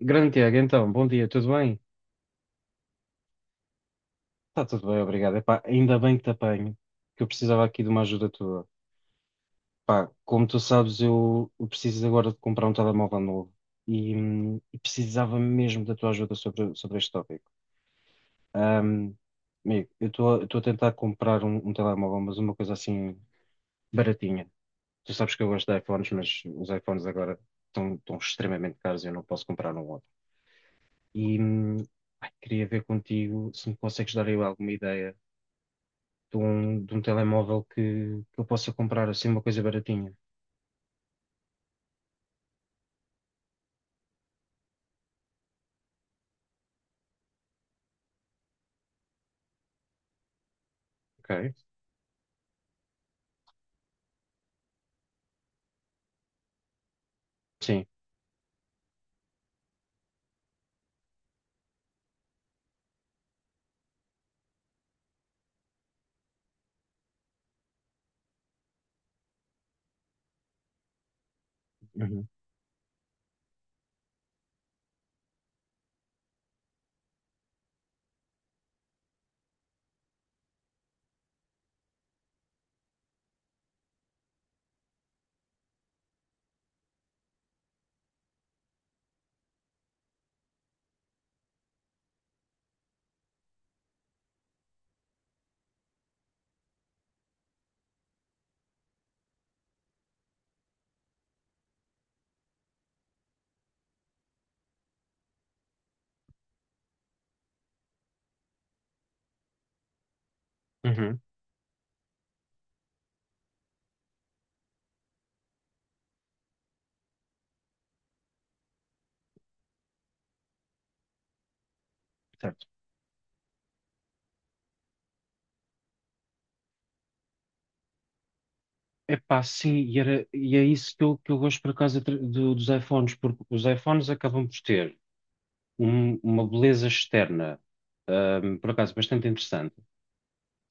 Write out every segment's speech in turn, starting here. Grande Tiago, então, bom dia, tudo bem? Está tudo bem, obrigado. Epá, ainda bem que te apanho, que eu precisava aqui de uma ajuda tua. Pá, como tu sabes, eu preciso agora de comprar um telemóvel novo e precisava mesmo da tua ajuda sobre este tópico. Ahm, amigo, eu estou a tentar comprar um telemóvel, mas uma coisa assim baratinha. Tu sabes que eu gosto de iPhones, mas os iPhones agora estão extremamente caros e eu não posso comprar um outro. E ai, queria ver contigo se me consegues dar aí alguma ideia de de um telemóvel que eu possa comprar assim uma coisa baratinha. Ok. Sim. Uhum. Uhum. Certo. Epá, sim, e é isso que que eu gosto por acaso dos iPhones, porque os iPhones acabam por ter uma beleza externa, por acaso bastante interessante,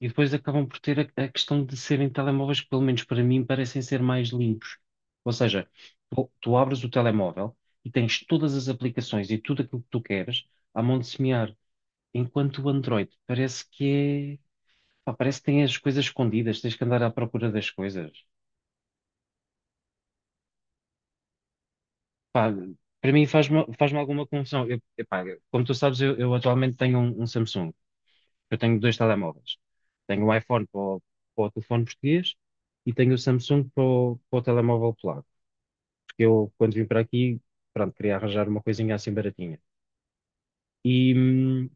e depois acabam por ter a questão de serem telemóveis que, pelo menos para mim, parecem ser mais limpos. Ou seja, tu abres o telemóvel e tens todas as aplicações e tudo aquilo que tu queres à mão de semear. Enquanto o Android parece que é. Pá, parece que tem as coisas escondidas, tens que andar à procura das coisas. Pá, para mim faz-me alguma confusão. Eu- epá, como tu sabes, eu atualmente tenho um Samsung. Eu tenho dois telemóveis. Tenho o iPhone para para o telefone português e tenho o Samsung para para o telemóvel polaco. Porque eu, quando vim para aqui, pronto, queria arranjar uma coisinha assim baratinha. E,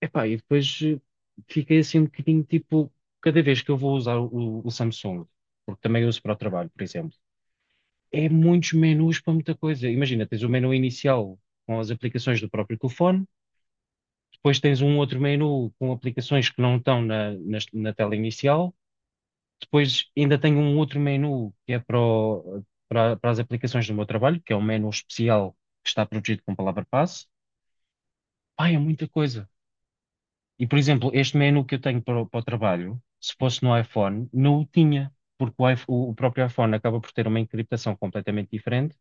epá, e depois fiquei assim um bocadinho tipo, cada vez que eu vou usar o Samsung, porque também uso para o trabalho, por exemplo, é muitos menus para muita coisa. Imagina, tens o menu inicial com as aplicações do próprio telefone, depois tens um outro menu com aplicações que não estão na tela inicial, depois ainda tenho um outro menu que é para as aplicações do meu trabalho, que é um menu especial que está protegido com palavra-passe. Pá, é muita coisa. E, por exemplo, este menu que eu tenho para o trabalho, se fosse no iPhone, não o tinha, porque o próprio iPhone acaba por ter uma encriptação completamente diferente,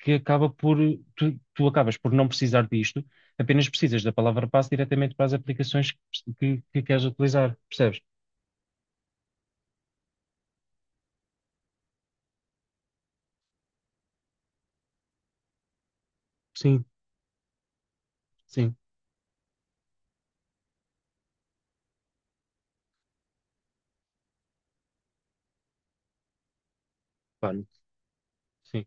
que acaba por, tu acabas por não precisar disto, apenas precisas da palavra passe diretamente para as aplicações que queres utilizar, percebes? Sim, sim, pá, sim.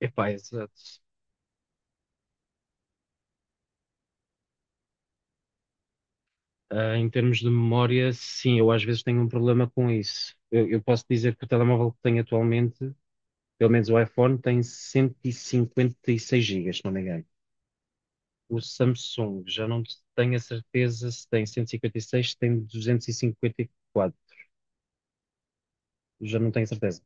Epá, exato. Ah, em termos de memória, sim, eu às vezes tenho um problema com isso. Eu posso dizer que o telemóvel que tenho atualmente pelo menos o iPhone tem 156 gigas, se não me engano. O Samsung, já não tenho a certeza se tem 156, se tem 254. Já não tenho certeza.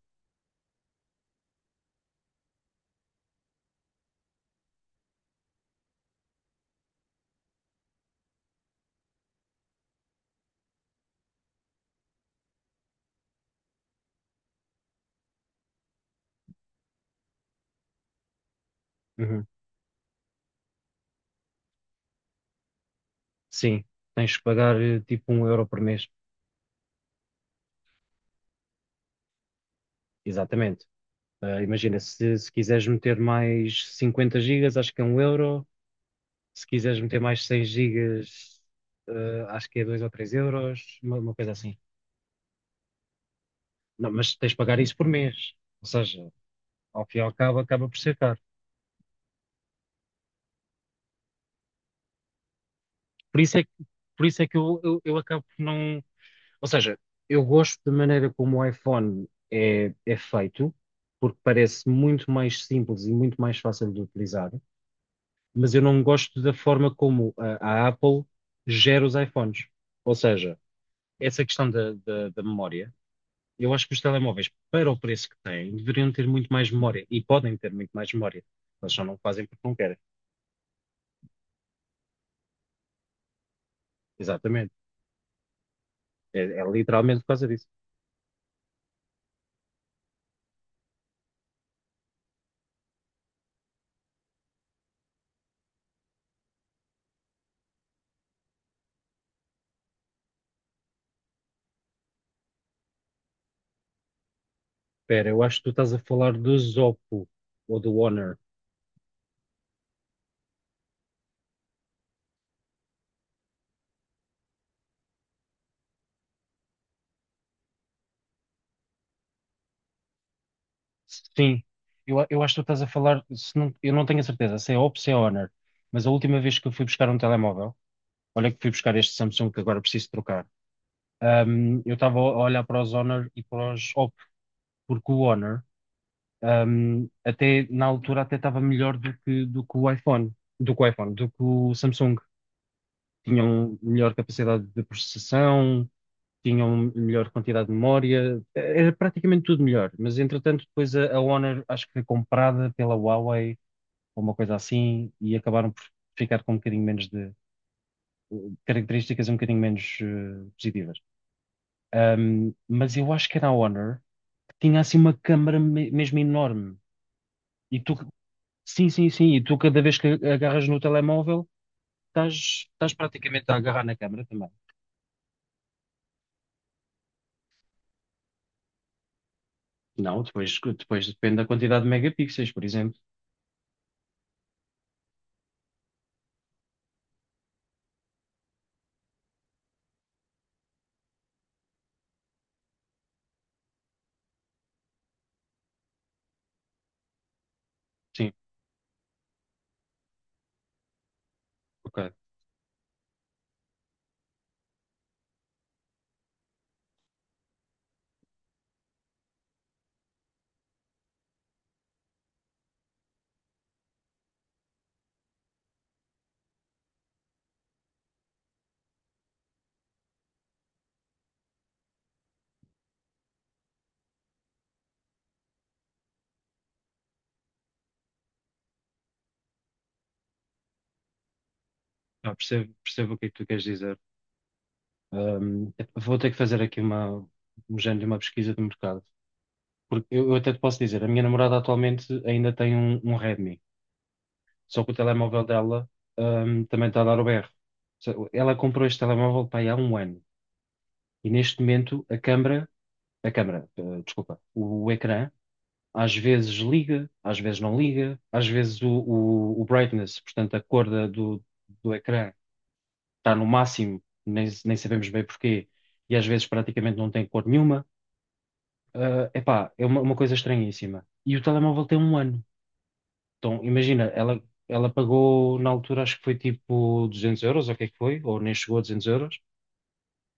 Uhum. Sim, tens que pagar tipo um euro por mês. Exatamente. Ah, imagina, se quiseres meter mais 50 gigas, acho que é um euro. Se quiseres meter mais 100 gigas, ah, acho que é 2 ou 3 euros, uma coisa assim. Não, mas tens de pagar isso por mês. Ou seja, ao fim e ao cabo, acaba por ser caro. Por isso é que, por isso é que eu acabo por não. Ou seja, eu gosto da maneira como o iPhone é feito, porque parece muito mais simples e muito mais fácil de utilizar, mas eu não gosto da forma como a Apple gera os iPhones. Ou seja, essa questão da memória, eu acho que os telemóveis, para o preço que têm, deveriam ter muito mais memória e podem ter muito mais memória. Mas só não fazem porque não querem. Exatamente. É literalmente por causa disso. Espera, eu acho que tu estás a falar do Zoppo ou do Honor. Sim, eu acho que tu estás a falar. Se não- eu não tenho a certeza se é Oppo, se é Honor, mas a última vez que eu fui buscar um telemóvel, olha que fui buscar este Samsung que agora preciso trocar, eu estava a olhar para os Honor e para os Oppo, porque o Honor, até na altura, até estava melhor do que o iPhone, do que o iPhone, do que o Samsung. Tinham melhor capacidade de processação, tinham melhor quantidade de memória, era praticamente tudo melhor, mas entretanto depois a Honor acho que foi comprada pela Huawei ou uma coisa assim e acabaram por ficar com um bocadinho menos de características um bocadinho menos positivas. Mas eu acho que era a Honor que tinha assim uma câmara mesmo enorme e tu, sim, sim, sim, e tu cada vez que agarras no telemóvel estás, estás praticamente a agarrar na câmara também. Não, depois depende da quantidade de megapixels, por exemplo. Sim, ok. Ah, percebo, percebo o que é que tu queres dizer. Ahm, vou ter que fazer aqui um género de uma pesquisa de mercado. Porque eu até te posso dizer, a minha namorada atualmente ainda tem um Redmi, só que o telemóvel dela, também está a dar o berro. Ou seja, ela comprou este telemóvel para aí há um ano e neste momento a câmara, eh, desculpa, o ecrã às vezes liga, às vezes não liga, às vezes o brightness, portanto a cor do do ecrã está no máximo, nem sabemos bem porquê, e às vezes praticamente não tem cor nenhuma. Ah, epá, é uma coisa estranhíssima. E o telemóvel tem um ano. Então, imagina, ela pagou na altura, acho que foi tipo 200 euros, ou o que é que foi, ou nem chegou a 200 euros,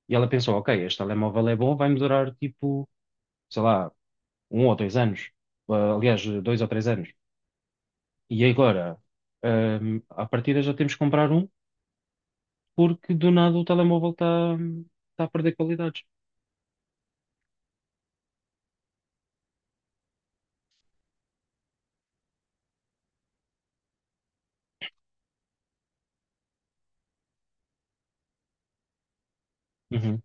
e ela pensou, ok, este telemóvel é bom, vai-me durar tipo, sei lá, um ou dois anos. Ah, aliás, dois ou três anos. E agora, a à partida já temos que comprar um, porque do nada o telemóvel está tá tá a perder qualidades. Uhum,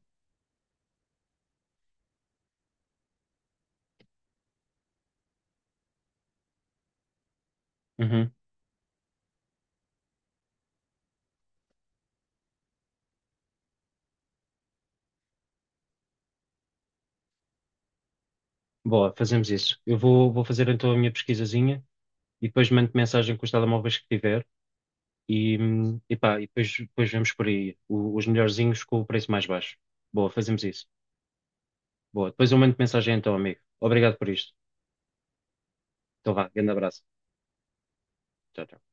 uhum. Boa, fazemos isso. Vou fazer então a minha pesquisazinha e depois mando mensagem com os telemóveis que tiver e pá, e depois vemos por aí os melhorzinhos com o preço mais baixo. Boa, fazemos isso. Boa, depois eu mando mensagem então, amigo. Obrigado por isto. Então vá, grande abraço. Tchau, tchau.